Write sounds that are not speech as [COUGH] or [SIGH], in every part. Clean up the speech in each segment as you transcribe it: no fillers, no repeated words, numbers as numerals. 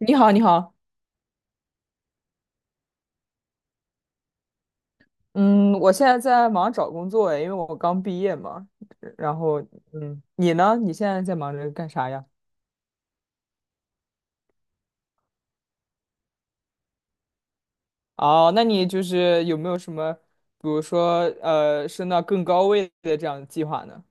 你好，你好，嗯，我现在在忙找工作诶，因为我刚毕业嘛。然后，嗯，你呢？你现在在忙着干啥呀？哦，那你就是有没有什么，比如说，升到更高位的这样的计划呢？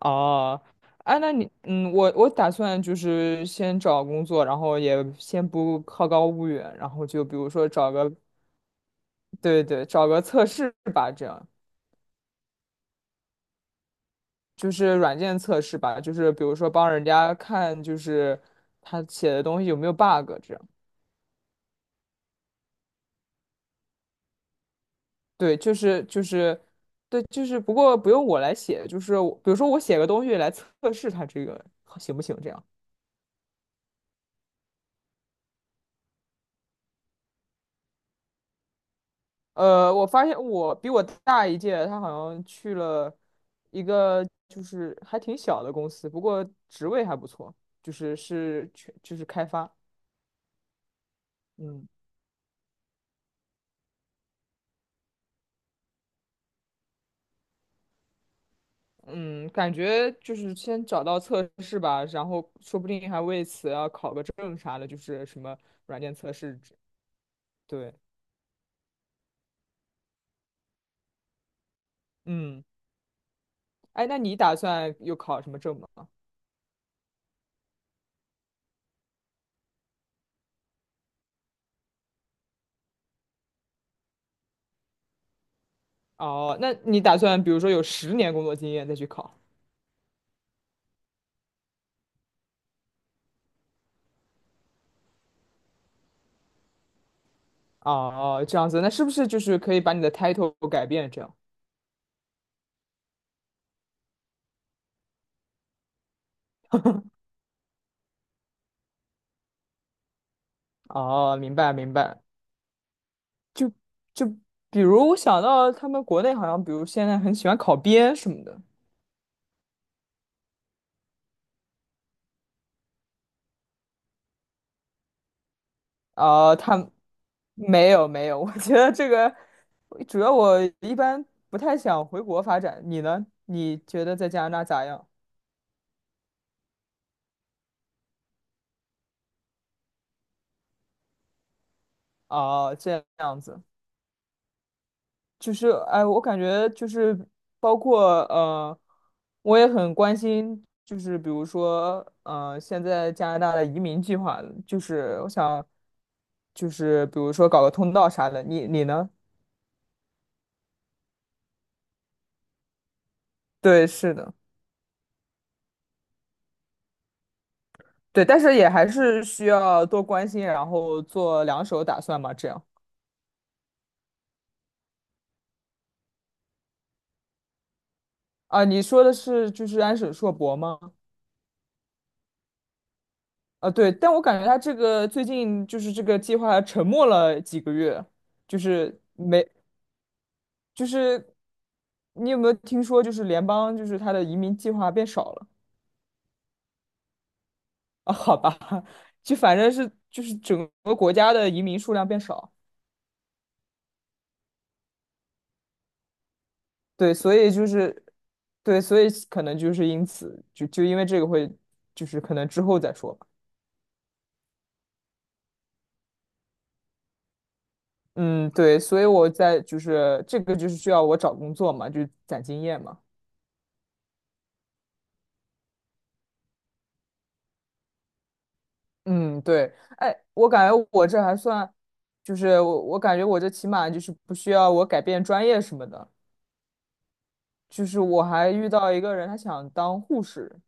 哦，啊，那你，嗯，我打算就是先找工作，然后也先不好高骛远，然后就比如说找个，对对，找个测试吧，这样。就是软件测试吧，就是比如说帮人家看，就是他写的东西有没有 bug 这样。对，就是对，就是不过不用我来写，就是我比如说我写个东西来测试他这个行不行这样。我发现我比我大一届，他好像去了一个就是还挺小的公司，不过职位还不错，就是是全就是开发，嗯。嗯，感觉就是先找到测试吧，然后说不定还为此要考个证啥的，就是什么软件测试之。对，嗯，哎，那你打算又考什么证吗？哦，那你打算比如说有10年工作经验再去考？哦，这样子，那是不是就是可以把你的 title 改变这样？哦，明白明白，就就比如我想到他们国内好像，比如现在很喜欢考编什么的。呃，他没有没有，[LAUGHS] 我觉得这个主要我一般不太想回国发展。你呢？你觉得在加拿大咋样？哦，这样子，就是哎，我感觉就是包括我也很关心，就是比如说现在加拿大的移民计划，就是我想，就是比如说搞个通道啥的。你你呢？对，是的。对，但是也还是需要多关心，然后做两手打算嘛，这样。啊，你说的是就是安史硕博吗？啊，对，但我感觉他这个最近就是这个计划沉默了几个月，就是没，就是你有没有听说，就是联邦就是他的移民计划变少了啊？好吧，[LAUGHS] 就反正是就是整个国家的移民数量变少，对，所以就是对，所以可能就是因此就因为这个会就是可能之后再说。吧。嗯，对，所以我在就是这个就是需要我找工作嘛，就攒经验嘛。嗯，对，哎，我感觉我这还算，就是我感觉我这起码就是不需要我改变专业什么的。就是我还遇到一个人，他想当护士。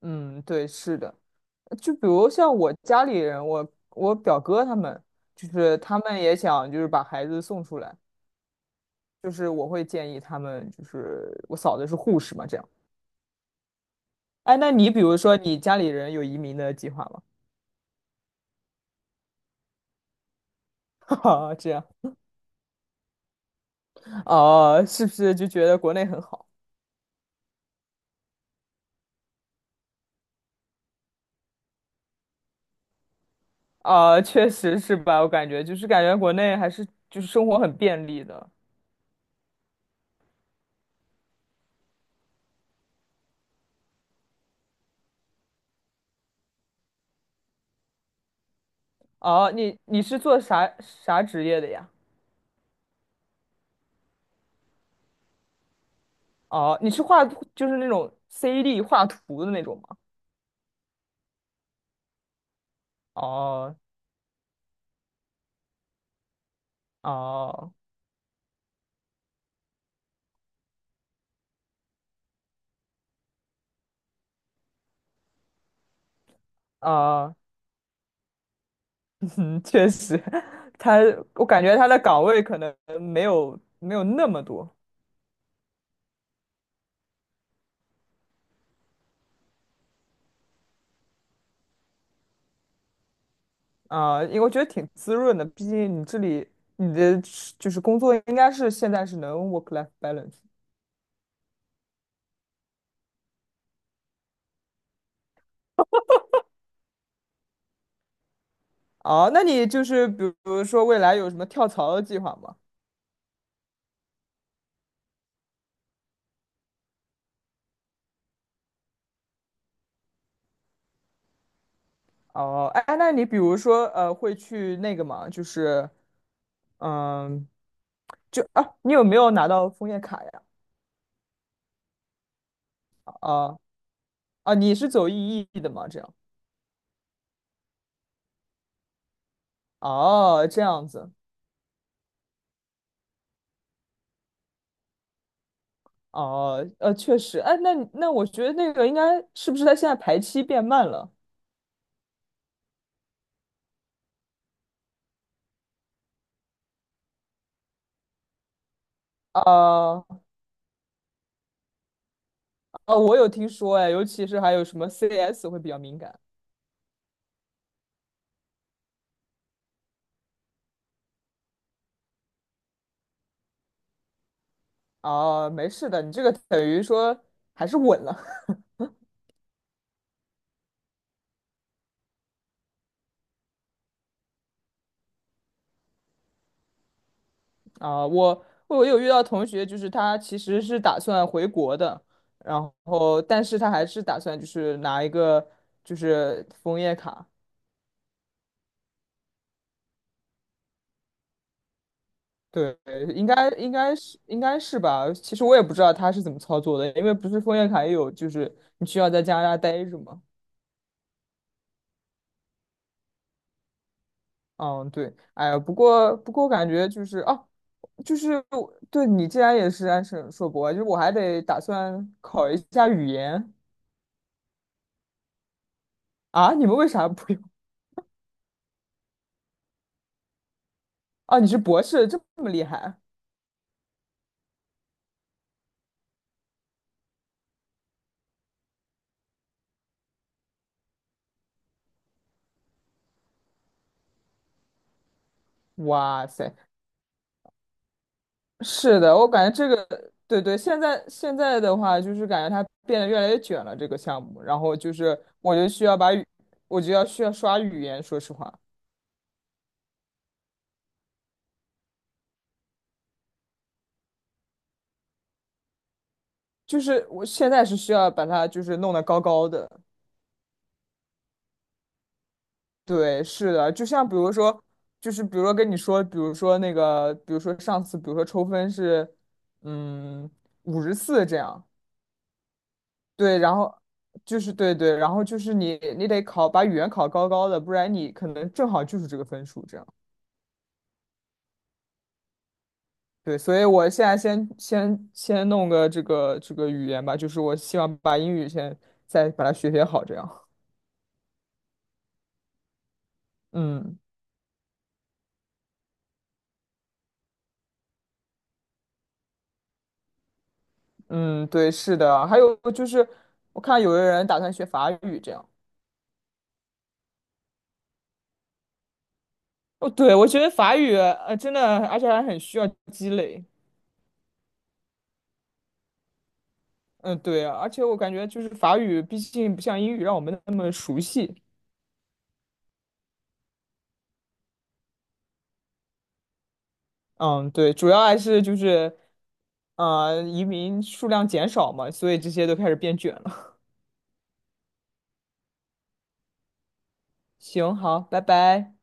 嗯，对，是的，就比如像我家里人，我表哥他们，就是他们也想就是把孩子送出来，就是我会建议他们，就是我嫂子是护士嘛，这样。哎，那你比如说你家里人有移民的计划吗？[LAUGHS] 哈哈，这样哦，是不是就觉得国内很好？啊，确实是吧？我感觉就是感觉国内还是就是生活很便利的。哦，你是做啥啥职业的呀？哦，你是画图就是那种 c d 画图的那种吗？哦哦哦，[LAUGHS] 确实，他我感觉他的岗位可能没有那么多。啊，因为我觉得挺滋润的，毕竟你这里你的是就是工作应该是现在是能 work-life balance。哦，那你就是比如说未来有什么跳槽的计划吗？哦，哎，那你比如说会去那个吗？就是嗯，就啊，你有没有拿到枫叶卡呀？啊啊，你是走 EE 的吗？这样哦，这样子哦，确实，哎，那那我觉得那个应该是不是他现在排期变慢了？啊？哦，我有听说哎，尤其是还有什么 CS 会比较敏感啊，没事的，你这个等于说还是稳了 [LAUGHS] 啊。我有遇到同学，就是他其实是打算回国的，然后但是他还是打算就是拿一个就是枫叶卡，对，应该是吧。其实我也不知道他是怎么操作的，因为不是枫叶卡也有就是你需要在加拿大待着嘛。嗯，对，哎呀，不过我感觉就是哦，就是我对你既然也是安省硕博，就是我还得打算考一下语言啊。你们为啥不用？啊，你是博士，这么厉害？哇塞，是的，我感觉这个，对对，现在的话，就是感觉它变得越来越卷了这个项目，然后就是我就需要把语，我就要需要刷语言，说实话，就是我现在是需要把它就是弄得高高的。对，是的，就像比如说，就是比如说跟你说，比如说那个，比如说上次，比如说抽分是，嗯，54这样，对，然后就是对对，然后就是你得考把语言考高高的，不然你可能正好就是这个分数这样。对，所以我现在先弄个这个这个语言吧，就是我希望把英语先再把它学学好这样。嗯嗯，对，是的，还有就是我看有的人打算学法语这样。哦，对，我觉得法语，真的，而且还很需要积累。嗯，对啊，而且我感觉就是法语，毕竟不像英语让我们那么熟悉。嗯，对，主要还是就是，移民数量减少嘛，所以这些都开始变卷了。行，好，拜拜。